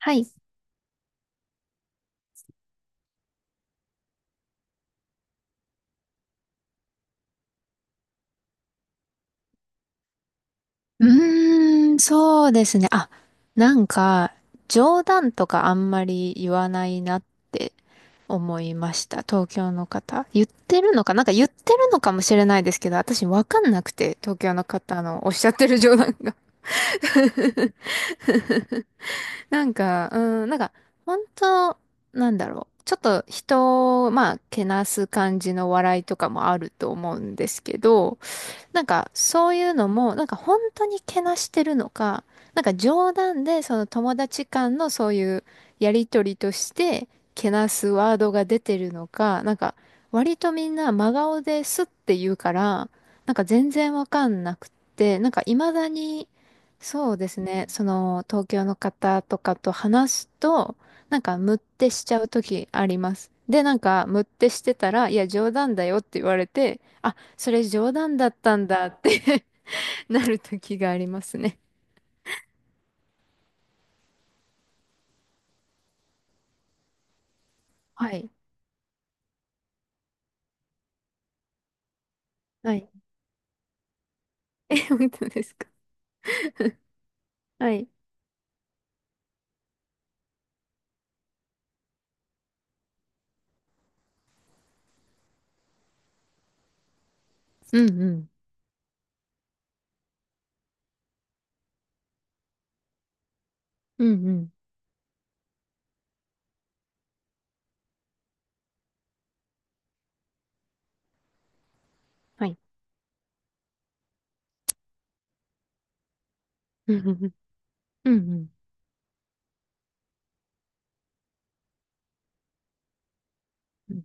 はい。うーん、そうですね。あ、なんか、冗談とかあんまり言わないなって思いました。東京の方。言ってるのか、なんか言ってるのかもしれないですけど、私わかんなくて、東京の方のおっしゃってる冗談が。なんか、うん、なんか、本当なんだろう。ちょっと人を、まあ、けなす感じの笑いとかもあると思うんですけど、なんか、そういうのも、なんか本当にけなしてるのか、なんか冗談で、その友達間のそういうやりとりとして、けなすワードが出てるのか、なんか、割とみんな真顔ですって言うから、なんか全然わかんなくって、なんか未だに、そうですね、その東京の方とかと話すと、なんかムッてしちゃう時あります。で、なんかムッてしてたら、いや冗談だよって言われて、それ冗談だったんだって なる時がありますね。はい。はい。え、本当ですか。はい。うんうん。うんうん。はい。うんうんうんうん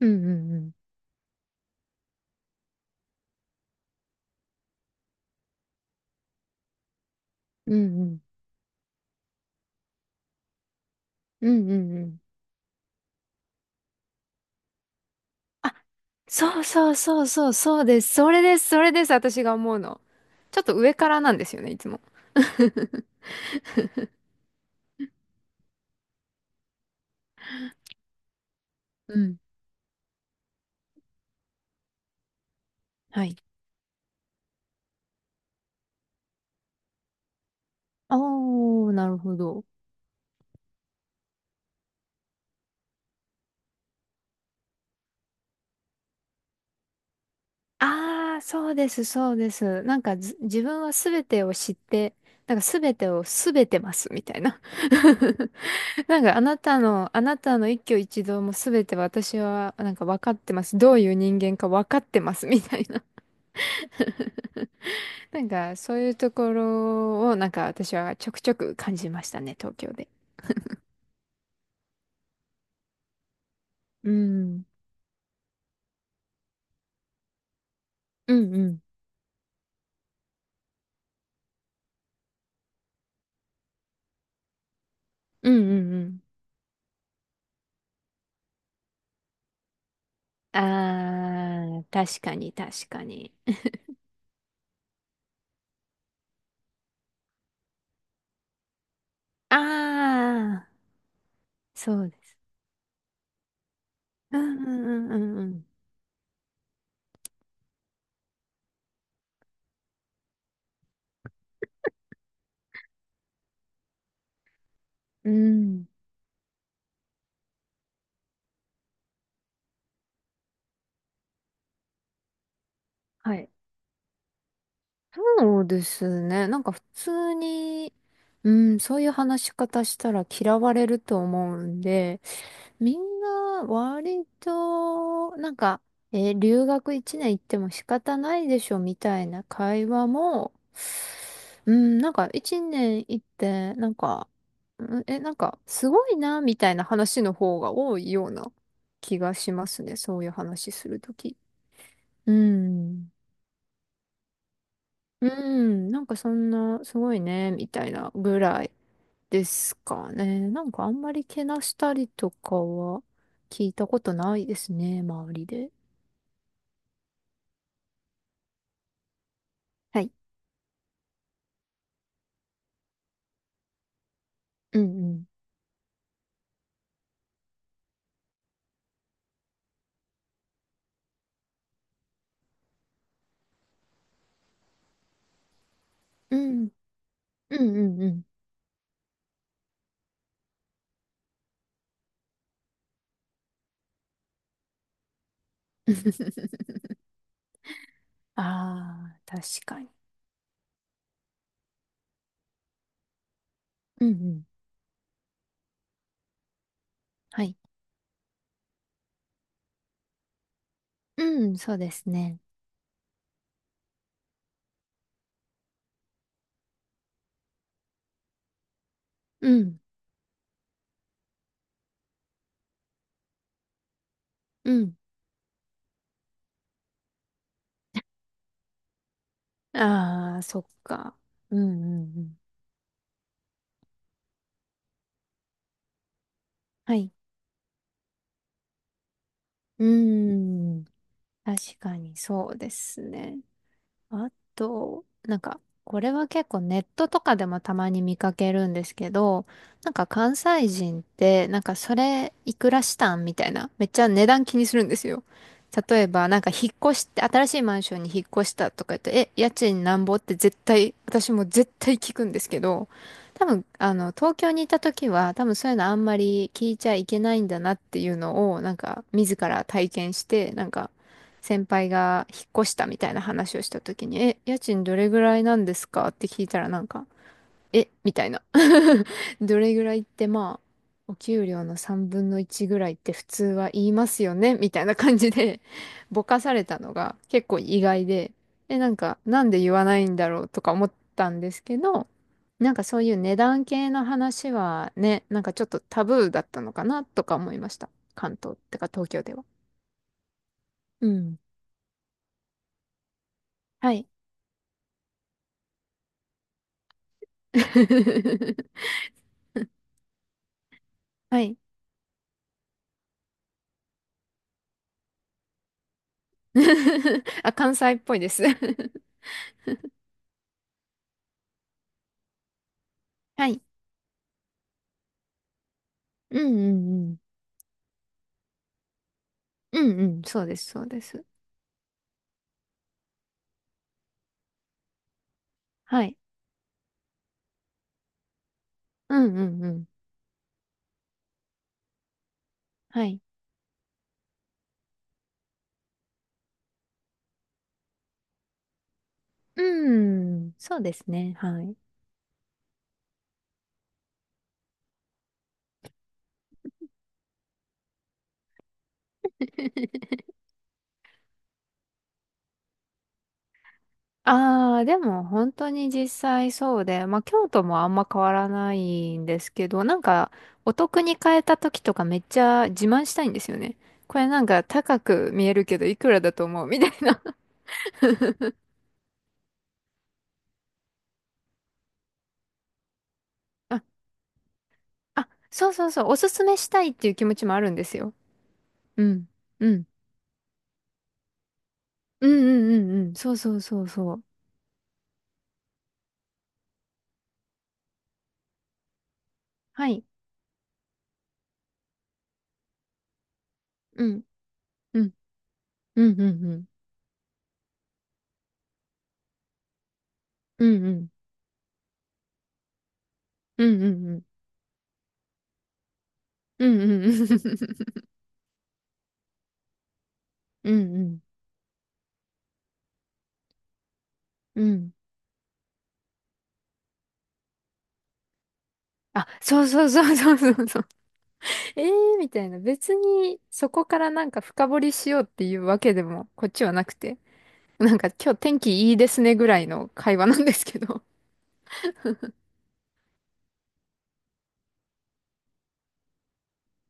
うんうんうんうんうんうんううんうん。あ、そうそうそうそう、そうです、それです、それです。私が思うの、ちょっと上からなんですよね、いつも。うん。はい。あー、なるほど。ああ、そうです、そうです。なんかず自分は全てを知って、なんか全てを全てますみたいな。なんかあなたの、あなたの一挙一動も全て私はなんか分かってます。どういう人間か分かってますみたいな。なんかそういうところをなんか私はちょくちょく感じましたね、東京で。うん。うんうん。うんうんうん。ああ、確かに確かに。ああ、そうです。うんうんうんうんうん。うん。はい。そうですね。なんか普通に、うん、そういう話し方したら嫌われると思うんで、みんな割と、なんか、留学1年行っても仕方ないでしょみたいな会話も、うん、なんか1年行って、なんか、うんえ、なんかすごいな、みたいな話の方が多いような気がしますね。そういう話するとき。うん。うん、なんかそんな、すごいね、みたいなぐらいですかね。なんかあんまりけなしたりとかは聞いたことないですね、周りで。はい。うんうん。うん。うんうんうん。ああ、確かに。うんうん。はい。うん、そうですね。うん。うん。ああ、そっか。うんうんうん。はい。うん。確かにそうですね。あと、なんか、これは結構ネットとかでもたまに見かけるんですけど、なんか関西人って、なんかそれいくらしたんみたいな、めっちゃ値段気にするんですよ。例えば、なんか引っ越して、新しいマンションに引っ越したとか言って、え、家賃なんぼって絶対、私も絶対聞くんですけど、多分、あの、東京にいた時は、多分そういうのあんまり聞いちゃいけないんだなっていうのを、なんか、自ら体験して、なんか、先輩が引っ越したみたいな話をした時に、え、家賃どれぐらいなんですかって聞いたらなんか、え、みたいな。どれぐらいってまあ、お給料の3分の1ぐらいって普通は言いますよねみたいな感じでぼかされたのが結構意外で、え、なんか、なんで言わないんだろうとか思ったんですけど、なんかそういう値段系の話はね、なんかちょっとタブーだったのかなとか思いました。関東ってか東京では。うん。はい。 はい。あ、関西っぽいです。はい。うんうんうん。うんうん。そうです、そうです。はい。うんうんうん。はい。うん。そうですね。はい。ああ、でも本当に実際そうで、まあ京都もあんま変わらないんですけど、なんかお得に買えた時とかめっちゃ自慢したいんですよね。これなんか高く見えるけどいくらだと思うみたいな。 あ、あ、そうそうそう、おすすめしたいっていう気持ちもあるんですよ。うん。うん。うんうんうんうん。そうそうそうそう。はい。うん。うん。うんうんうん。うんうん。うんうんうん。うんうんうん。うんうん。うん。あ、そうそうそうそうそうそう。えー、みたいな。別にそこからなんか深掘りしようっていうわけでもこっちはなくて。なんか今日天気いいですねぐらいの会話なんですけど。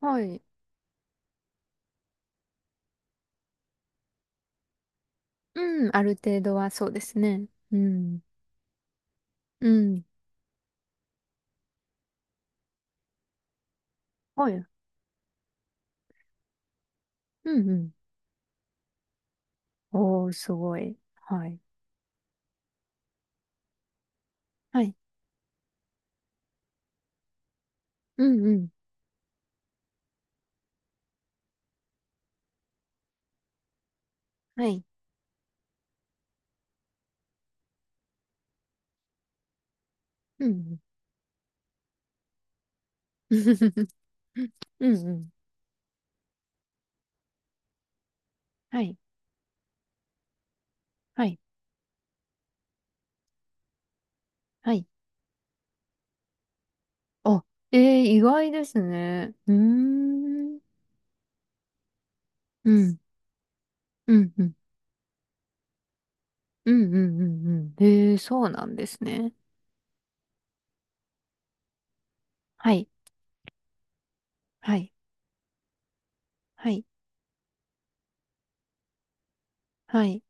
はい。うん、ある程度はそうですね。うん。うん。はい。うんうん。おー、すごい。はい。はい。うんうん。はい。うんうん。うんうん。はい。はい。はい。あ、えー、意外ですね。うーん。うん。うん。うん。うんうんうんうん。えー、そうなんですね。はい。はい。はい。はい。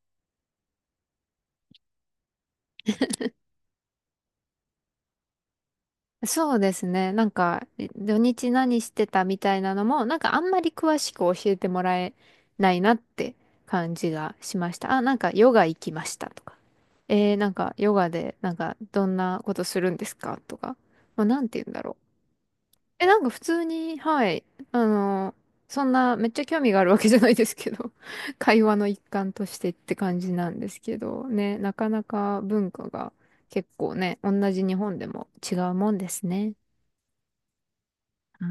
そうですね。なんか、土日何してたみたいなのも、なんかあんまり詳しく教えてもらえないなって感じがしました。あ、なんかヨガ行きましたとか。なんかヨガで、なんかどんなことするんですかとか。もうなんて言うんだろう。え、なんか普通に、はい。あの、そんなめっちゃ興味があるわけじゃないですけど、会話の一環としてって感じなんですけど、ね、なかなか文化が結構ね、同じ日本でも違うもんですね。